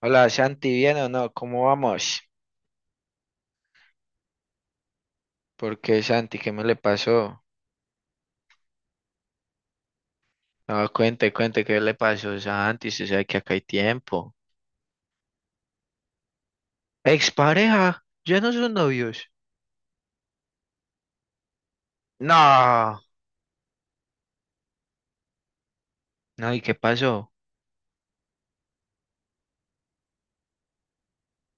Hola Santi, ¿bien o no? ¿Cómo vamos? ¿Por qué Santi? ¿Qué me le pasó? No, cuente, ¿qué le pasó Santi? Se sabe que acá hay tiempo. ¿Expareja? ¿Ya no son novios? No. No, ¿y qué pasó?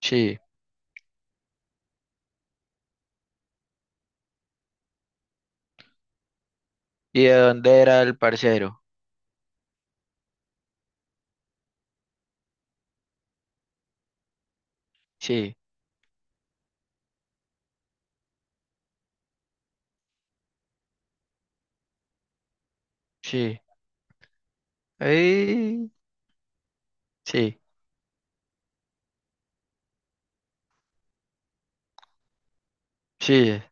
Sí. ¿Y de dónde era el parcero? Sí, sí. Ay, sí, sí.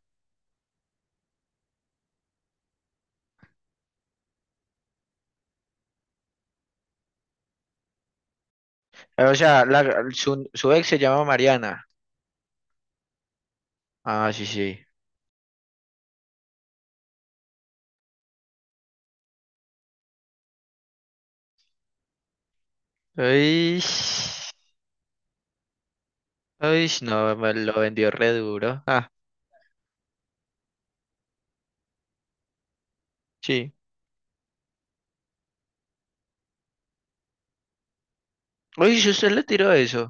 O sea, su ex se llama Mariana. Ah, sí, sí. Ay, ay, no, me lo vendió re duro. Ah, sí. Uy, si usted le tiró eso.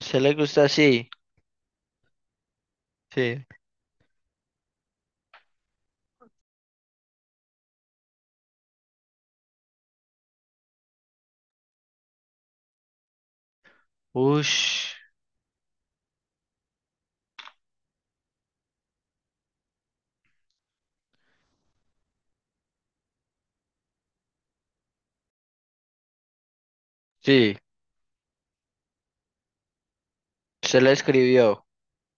¿Se le gusta así? Sí. Ush. Sí. Se le escribió.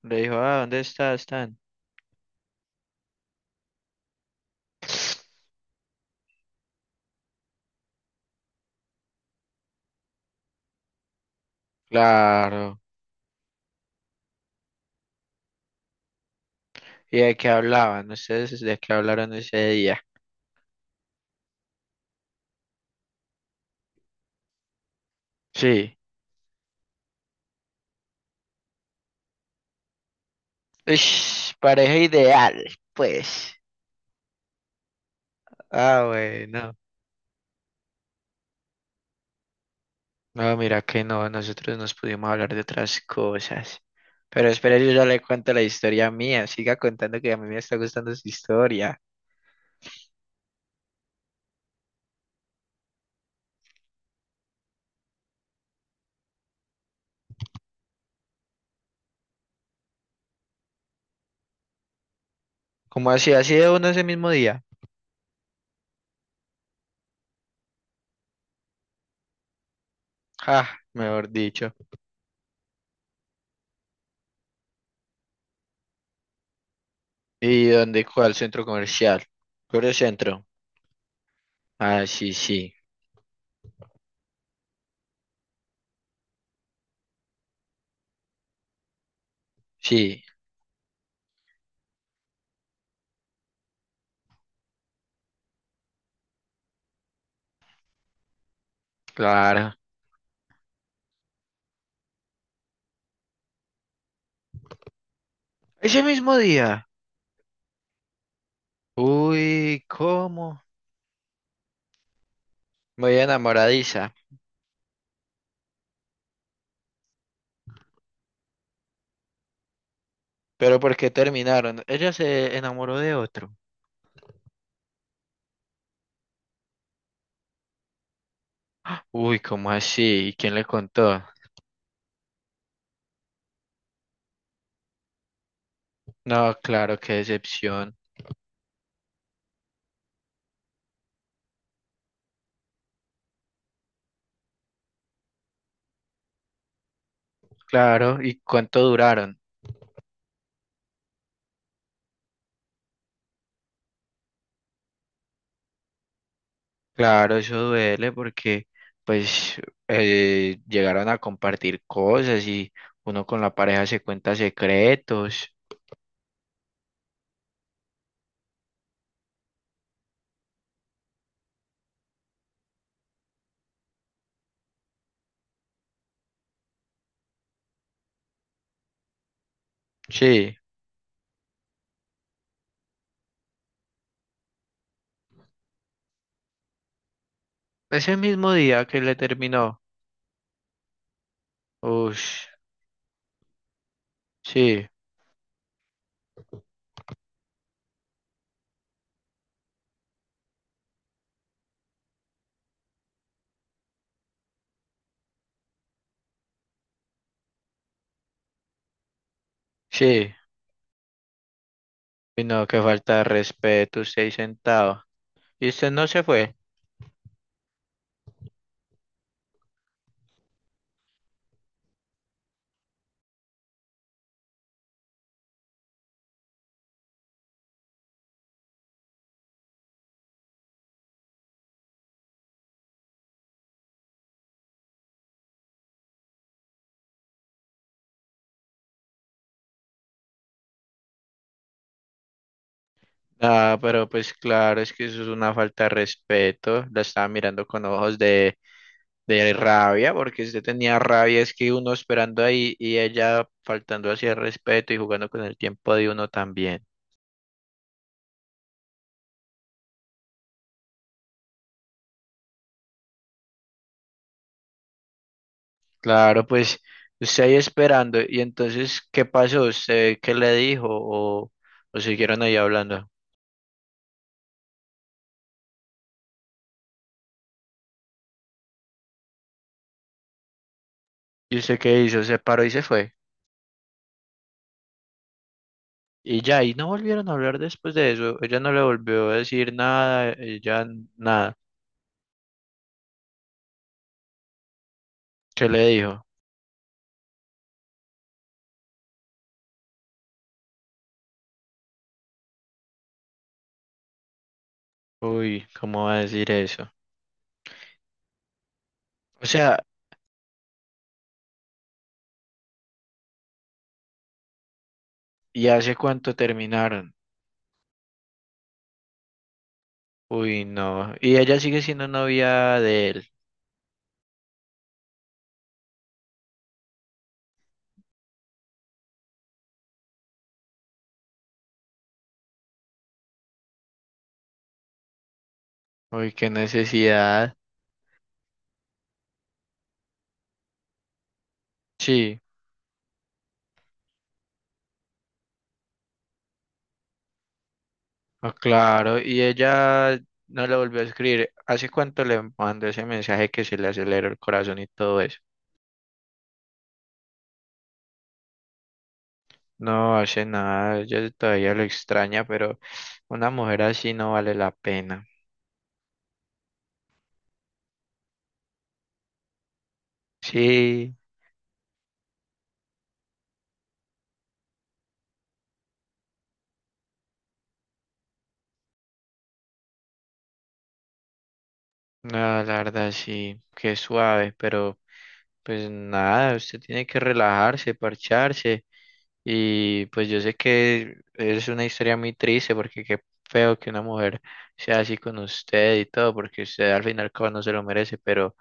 Le dijo, ah, ¿dónde está? Están. Claro. ¿Y de qué hablaban? ¿Ustedes de qué hablaron ese día? Sí. Ush, pareja ideal, pues. Ah, bueno. No, mira que no, nosotros nos pudimos hablar de otras cosas. Pero espera, yo ya le cuento la historia mía. Siga contando que a mí me está gustando su historia. ¿Cómo así? ¿Así de uno ese mismo día? Ah, mejor dicho. ¿Y dónde? ¿Cuál centro comercial? Coreo Centro. Ah, sí, sí, sí, claro. Ese mismo día. Uy, ¿cómo? Muy enamoradiza. ¿Pero por qué terminaron? Ella se enamoró de otro. Uy, ¿cómo así? ¿Y quién le contó? No, claro, qué decepción. Claro, ¿y cuánto duraron? Claro, eso duele porque, pues, llegaron a compartir cosas y uno con la pareja se cuenta secretos. Sí. Ese mismo día que le terminó. Ush, sí, sí. Y no, que falta de respeto, usted ahí sentado. Y usted no se fue. Ah, pero pues claro, es que eso es una falta de respeto. La estaba mirando con ojos de rabia, porque usted tenía rabia, es que uno esperando ahí y ella faltando hacia el respeto y jugando con el tiempo de uno también. Claro, pues usted ahí esperando. Y entonces, ¿qué pasó? ¿Usted qué le dijo? O siguieron ahí hablando? ¿Y usted qué hizo? Se paró y se fue. Y ya, y no volvieron a hablar después de eso. Ella no le volvió a decir nada, ella nada. ¿Qué le dijo? Uy, ¿cómo va a decir eso? O sea, ¿y hace cuánto terminaron? Uy, no. Y ella sigue siendo novia de él. Uy, qué necesidad. Sí, ah, claro. Y ella no le volvió a escribir. ¿Hace cuánto le mandó ese mensaje que se le aceleró el corazón y todo eso? No hace nada, ella todavía lo extraña, pero una mujer así no vale la pena. Sí, no, la verdad sí, qué suave, pero pues nada, usted tiene que relajarse, parcharse. Y pues yo sé que es una historia muy triste porque qué feo que una mujer sea así con usted y todo, porque usted al final como no se lo merece,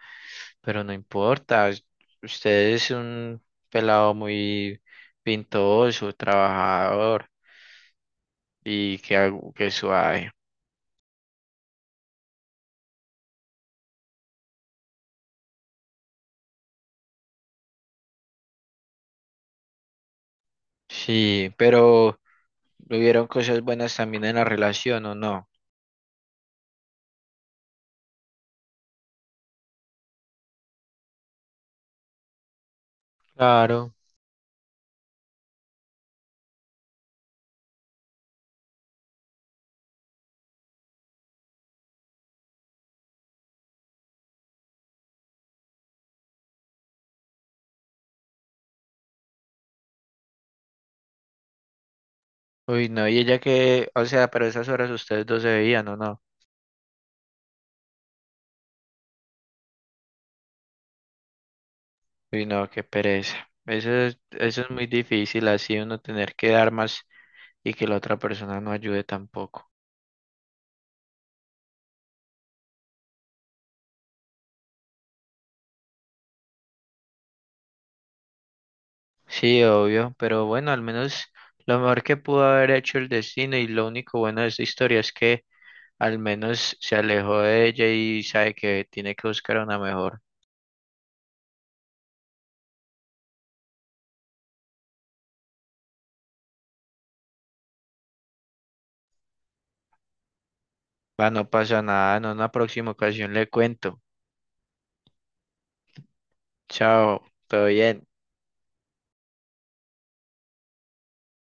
pero no importa. Usted es un pelado muy pintoso, trabajador y que, algo- que suave. Sí, pero... ¿Hubieron cosas buenas también en la relación o no? Claro. Uy, no, y ella que, o sea, pero esas horas ustedes dos se veían o no. Uy, no, qué pereza. Eso es muy difícil, así uno tener que dar más y que la otra persona no ayude tampoco. Sí, obvio, pero bueno, al menos lo mejor que pudo haber hecho el destino y lo único bueno de esta historia es que al menos se alejó de ella y sabe que tiene que buscar una mejor. Va, no pasa nada, no, en una próxima ocasión le cuento. Chao, todo bien.